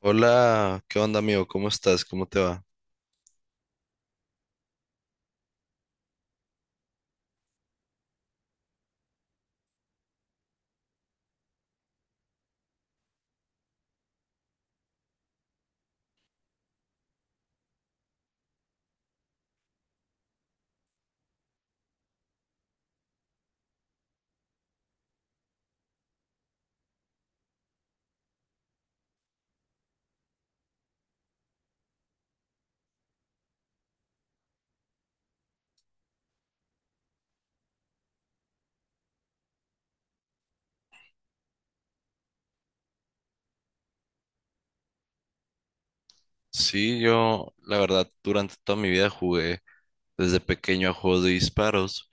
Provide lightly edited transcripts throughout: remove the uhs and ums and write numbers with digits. Hola, ¿qué onda amigo? ¿Cómo estás? ¿Cómo te va? Sí, yo la verdad durante toda mi vida jugué desde pequeño a juegos de disparos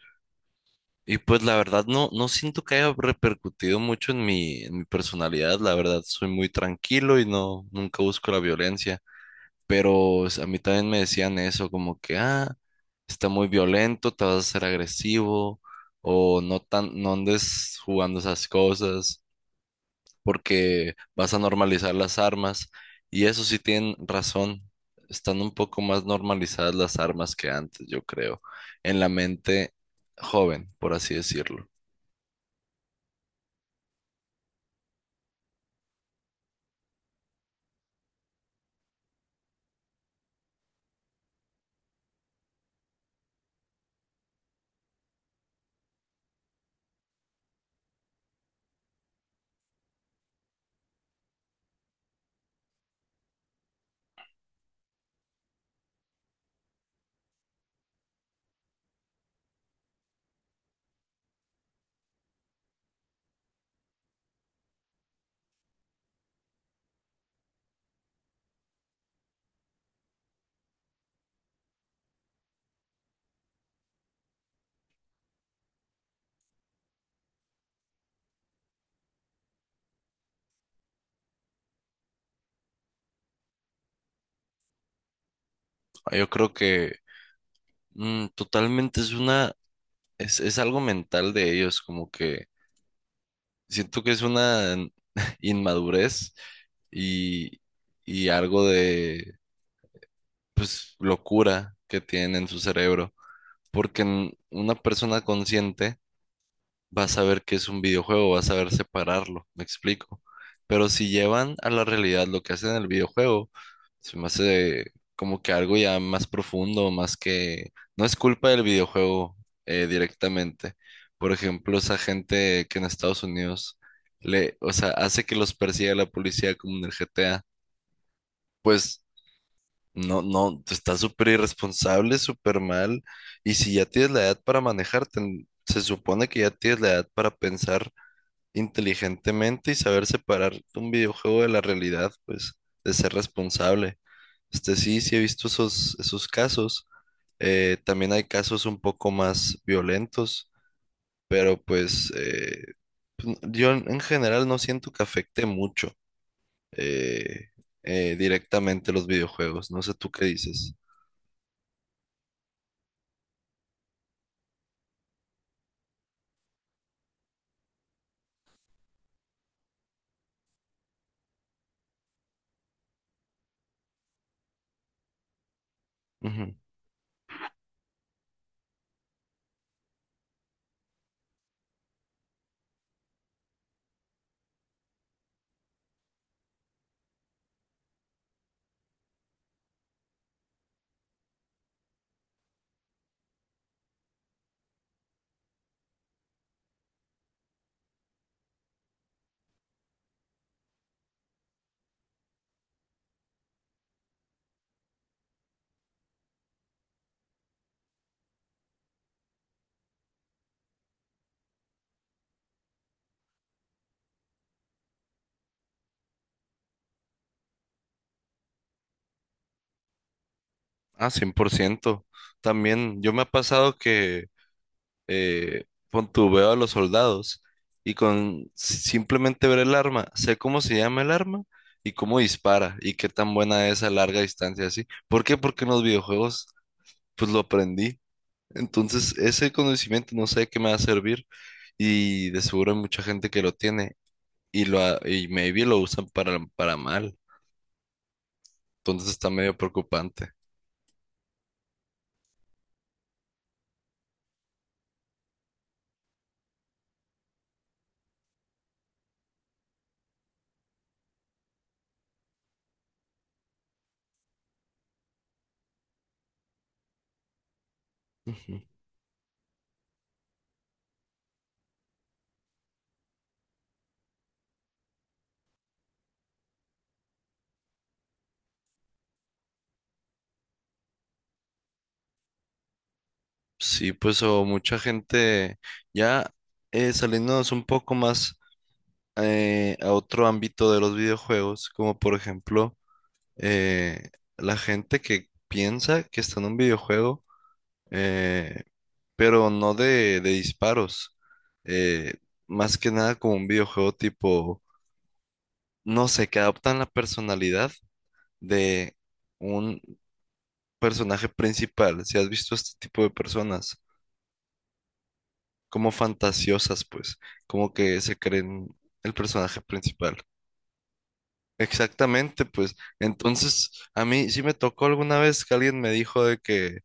y pues la verdad no, no siento que haya repercutido mucho en mi personalidad, la verdad soy muy tranquilo y no, nunca busco la violencia, pero a mí también me decían eso como que, ah, está muy violento, te vas a ser agresivo o no tan, no andes jugando esas cosas, porque vas a normalizar las armas. Y eso sí tienen razón. Están un poco más normalizadas las armas que antes, yo creo, en la mente joven, por así decirlo. Ah, yo creo que totalmente es una, es algo mental de ellos, como que siento que es una inmadurez y, y algo de, pues, locura que tienen en su cerebro, porque una persona consciente vas a ver que es un videojuego, vas a ver separarlo, me explico. Pero si llevan a la realidad lo que hacen en el videojuego, se me hace como que algo ya más profundo, más que no es culpa del videojuego, directamente. Por ejemplo, esa gente que en Estados Unidos le, o sea, hace que los persiga la policía como en el GTA, pues no, no, está súper irresponsable, súper mal. Y si ya tienes la edad para manejar, se supone que ya tienes la edad para pensar inteligentemente y saber separar un videojuego de la realidad, pues, de ser responsable. Este sí, sí he visto esos, esos casos. También hay casos un poco más violentos, pero pues pues, yo en general no siento que afecte mucho, eh, directamente, los videojuegos. No sé tú qué dices. Ujú. Ah, 100%. También yo me ha pasado que eh, pon tu veo a los soldados y con simplemente ver el arma, sé cómo se llama el arma y cómo dispara y qué tan buena es a larga distancia así. ¿Por qué? Porque en los videojuegos pues lo aprendí. Entonces ese conocimiento no sé qué me va a servir y de seguro hay mucha gente que lo tiene y y maybe lo usan para mal. Entonces está medio preocupante. Ujú. Sí, pues o mucha gente ya, saliéndonos un poco más, a otro ámbito de los videojuegos, como por ejemplo, eh, la gente que piensa que está en un videojuego, eh, pero no de, de disparos, eh, más que nada como un videojuego tipo, no sé, que adoptan la personalidad de un personaje principal, si has visto este tipo de personas, como fantasiosas, pues, como que se creen el personaje principal. Exactamente, pues entonces a mí sí me tocó alguna vez que alguien me dijo de que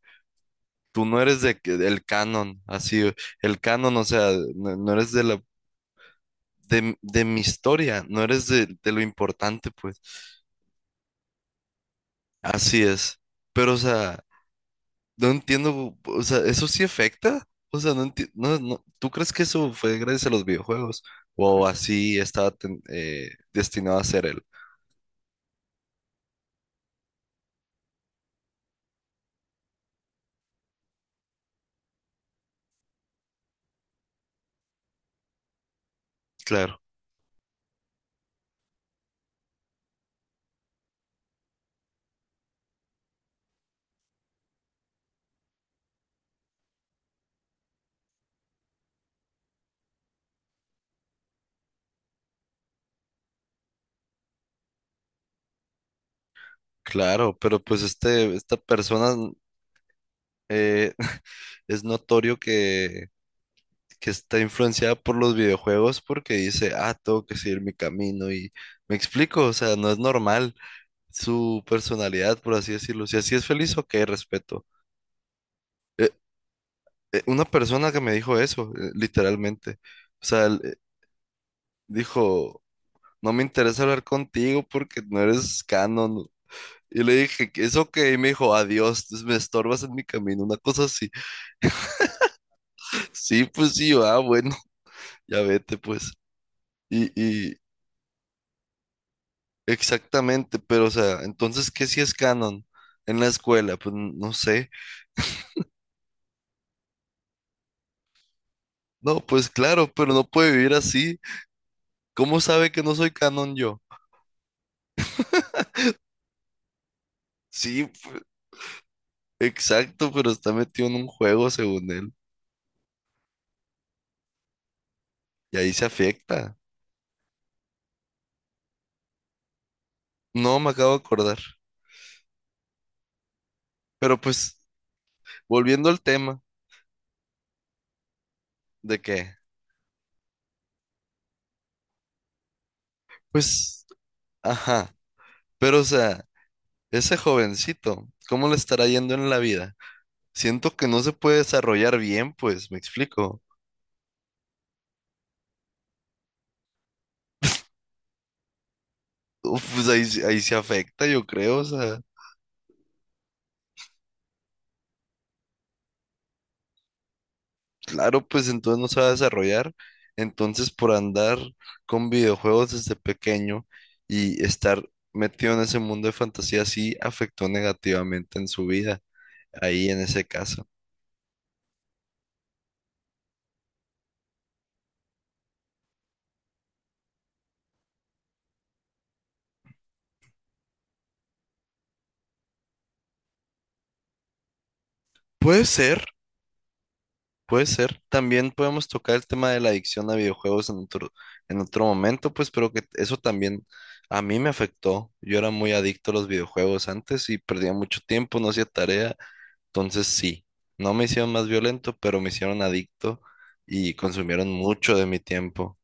tú no eres de, del canon, así, el canon, o sea, no, no eres de la, de mi historia, no eres de lo importante, pues, así es. Pero, o sea, no entiendo, o sea, ¿eso sí afecta? O sea, no entiendo, no, no, ¿tú crees que eso fue gracias a los videojuegos? ¿O así estaba destinado a ser él? Claro, claro, pero pues este, esta persona... eh, es notorio que está influenciada por los videojuegos porque dice, ah, tengo que seguir mi camino y me explico, o sea, no es normal su personalidad, por así decirlo. Si así es feliz, ok, respeto. Eh, una persona que me dijo eso, literalmente, o sea, él, dijo, no me interesa hablar contigo porque no eres canon. Y le dije, es ok, y me dijo, adiós, me estorbas en mi camino, una cosa así. Sí, pues sí, ah, bueno, ya vete, pues. Y, exactamente, pero o sea, entonces, ¿qué si es canon en la escuela? Pues no sé. No, pues claro, pero no puede vivir así. ¿Cómo sabe que no soy canon yo? Sí, exacto, pero está metido en un juego según él. Y ahí se afecta. No, me acabo de acordar. Pero pues, volviendo al tema de que, pues, ajá, pero o sea, ese jovencito, ¿cómo le estará yendo en la vida? Siento que no se puede desarrollar bien, pues, me explico. Uf, pues ahí, ahí se afecta, yo creo, o sea, claro, pues entonces no se va a desarrollar. Entonces, por andar con videojuegos desde pequeño y estar metido en ese mundo de fantasía, sí afectó negativamente en su vida, ahí en ese caso. Puede ser, puede ser. También podemos tocar el tema de la adicción a videojuegos en otro momento, pues, pero que eso también a mí me afectó. Yo era muy adicto a los videojuegos antes y perdía mucho tiempo, no hacía tarea. Entonces sí, no me hicieron más violento, pero me hicieron adicto y consumieron mucho de mi tiempo.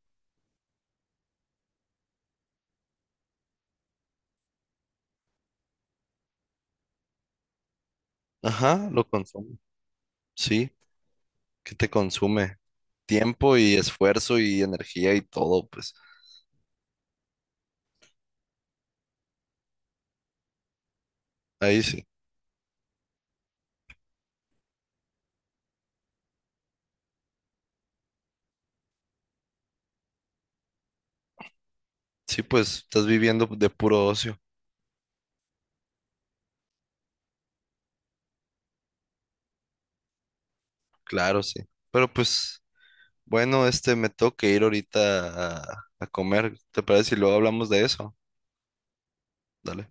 Ajá, lo consumo. Sí, ¿qué te consume? Tiempo y esfuerzo y energía y todo, pues. Ahí sí. Sí, pues estás viviendo de puro ocio. Claro, sí. Pero pues, bueno, este me tengo que ir ahorita a comer. ¿Te parece si luego hablamos de eso? Dale.